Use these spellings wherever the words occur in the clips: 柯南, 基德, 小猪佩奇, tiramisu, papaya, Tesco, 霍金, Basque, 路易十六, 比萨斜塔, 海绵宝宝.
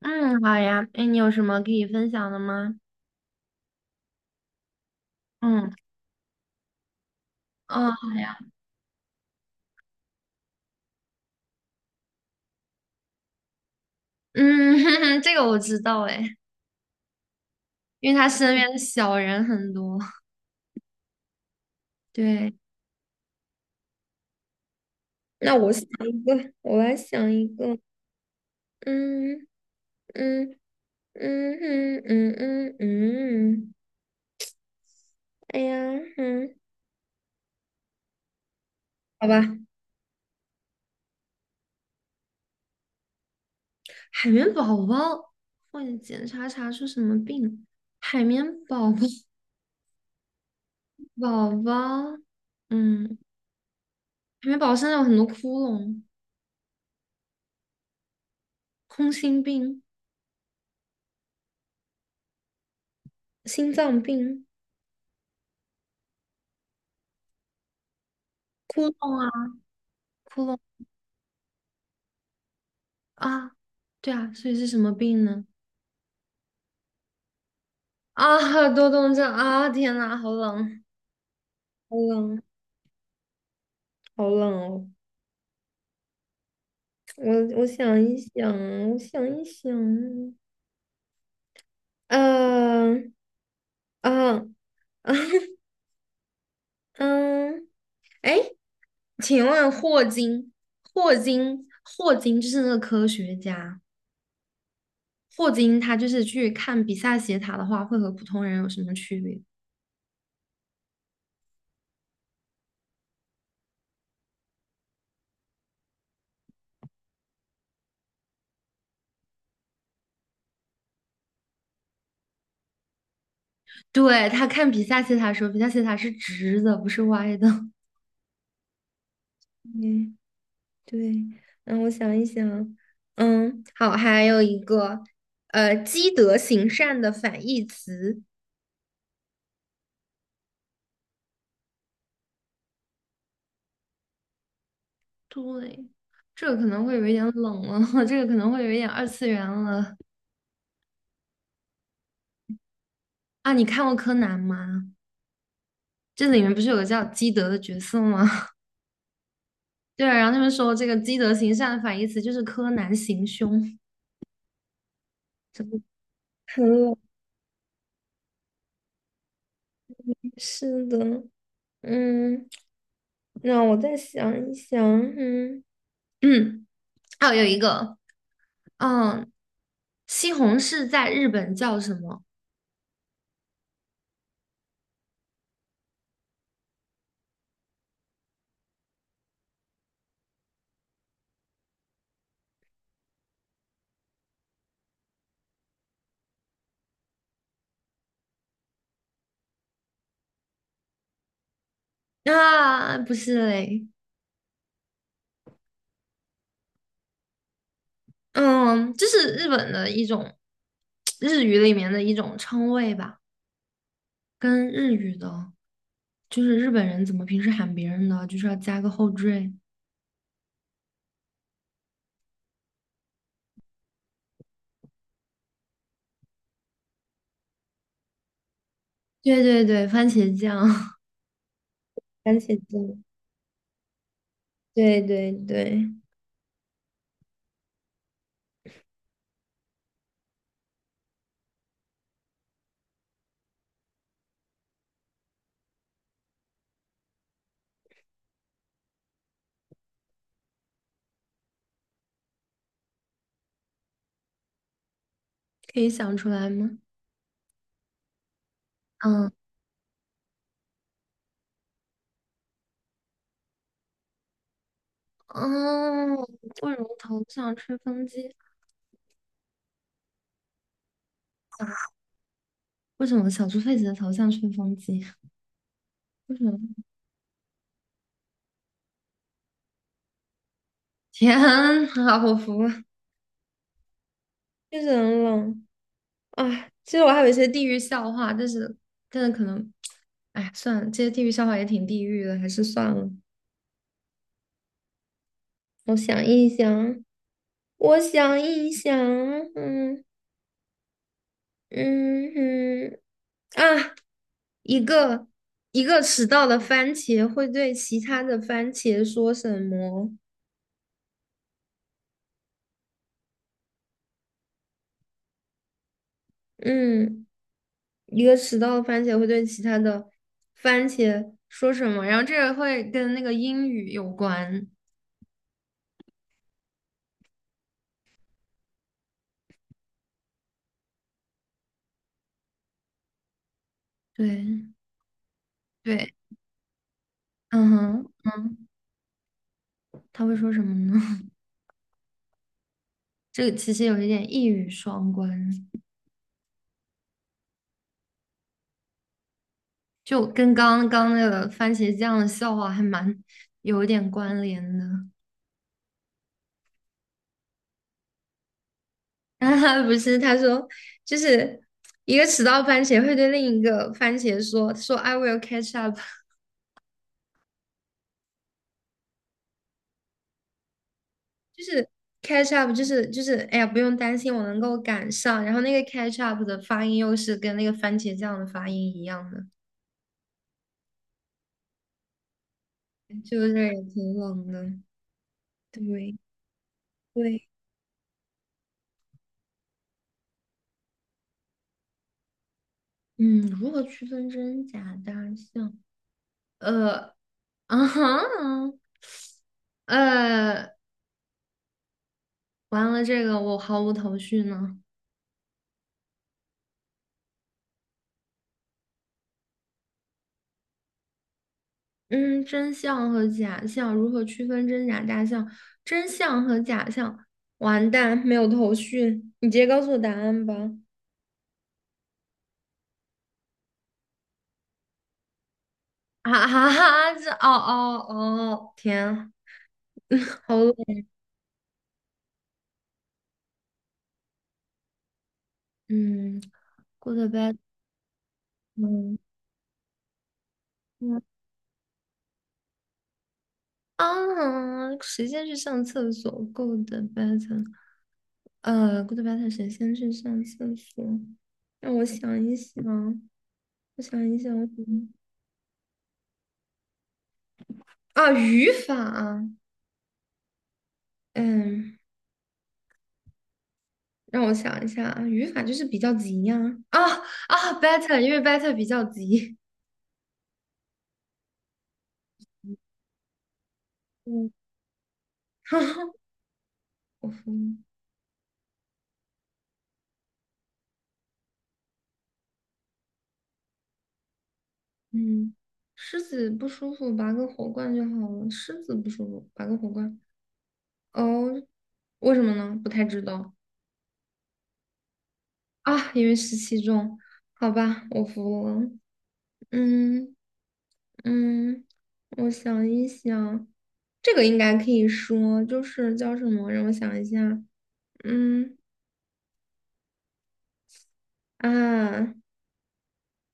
嗯，好呀。哎，你有什么可以分享的吗？嗯，哦，好呀。嗯，这个我知道哎，因为他身边的小人很多。对，那我想一个，我来想一个。嗯嗯嗯嗯嗯嗯嗯，哎呀，好吧。海绵宝宝，或者检查查出什么病？海绵宝宝，宝宝，嗯，海绵宝宝身上有很多窟窿，空心病、心脏病。窟窿啊，窟窿啊，对啊，所以是什么病呢？啊，多动症啊！天呐，好冷，好冷，好冷哦！我想一想，我想一想，嗯嗯 嗯，哎，请问霍金，霍金就是那个科学家，霍金他就是去看比萨斜塔的话，会和普通人有什么区别？对，他看比萨斜塔的时候，比萨斜塔是直的，不是歪的。嗯对，我想一想，好，还有一个，积德行善的反义词，对，这个可能会有一点冷了，这个可能会有一点二次元了啊。你看过柯南吗？这里面不是有个叫基德的角色吗？对啊，然后他们说这个积德行善的反义词就是柯南行凶，真的 很冷。是的，嗯，那我再想一想，嗯嗯，还有一个。嗯，西红柿在日本叫什么？啊，不是嘞，嗯，这是日本的一种日语里面的一种称谓吧，跟日语的，就是日本人怎么平时喊别人的，就是要加个后缀。对对对，番茄酱，番茄酱，对对对，可以想出来吗？嗯嗯，为什么头像吹风机？为什么小猪佩奇的头像吹风机？为什么？天啊，我服了。确实很冷啊。其实我还有一些地域笑话，但是可能，哎，算了，这些地域笑话也挺地域的，还是算了。我想一想，我想一想，嗯嗯哼，啊，一个一个迟到的番茄会对其他的番茄说什么？嗯，一个迟到的番茄会对其他的番茄说什么？然后这个会跟那个英语有关。对对，嗯哼，他会说什么呢？这个其实有一点一语双关，就跟刚刚那个番茄酱的笑话还蛮有一点关联的。哈哈，不是他说，就是一个迟到番茄会对另一个番茄说 "I will catch up"，就是 catch up，就是哎呀不用担心，我能够赶上。然后那个 catch up 的发音又是跟那个番茄酱的发音一样的，就是也挺冷的，对。对，嗯，如何区分真假大象？呃，啊哈，呃，完了，这个我毫无头绪呢。嗯，真相和假象如何区分真假大象？真相和假象，完蛋，没有头绪。你直接告诉我答案吧。啊哈哈，这哦哦哦，天，好冷。嗯，go o d bed。嗯嗯时间去上厕所。go o d bed。古德白塔神先去上厕所，让我想一想，我想一想，我怎么啊，语法，嗯，让我想一下啊，语法就是比较急呀、啊，啊better，因为 better 比较急，嗯，我服了，嗯，狮子不舒服，拔个火罐就好了，狮子不舒服，拔个火罐，哦，为什么呢？不太知道啊，因为湿气重，好吧，我服了，嗯。嗯，我想一想，这个应该可以说，就是叫什么？让我想一下。嗯啊，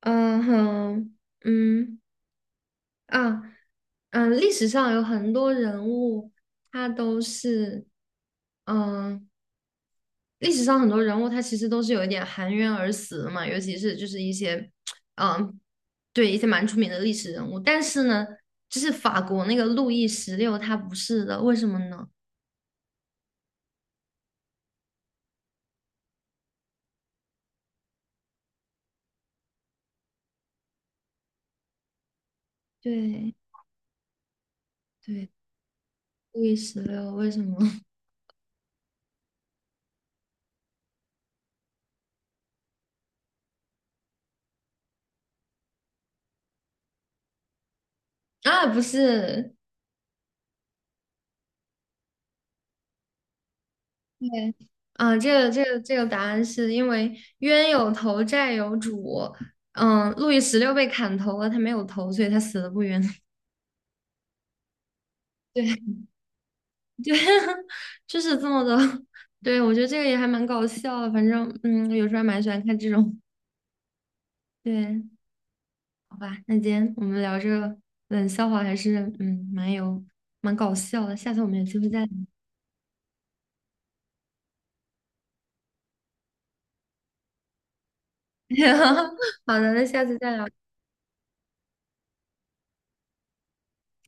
嗯哼，嗯啊，嗯，历史上有很多人物，他都是，嗯，历史上很多人物，他其实都是有一点含冤而死的嘛，尤其是就是一些，嗯，对，一些蛮出名的历史人物。但是呢，就是法国那个路易十六，他不是的，为什么呢？对。对，路易十六为什么 啊？不是对，啊，这个答案是因为冤有头债有主，路易十六被砍头了，他没有头，所以他死的不冤。对对，就是这么的。对，我觉得这个也还蛮搞笑的，反正有时候还蛮喜欢看这种。对，好吧，那今天我们聊这个冷笑话还是蛮搞笑的，下次我们有机会再聊。好的，那下次再聊。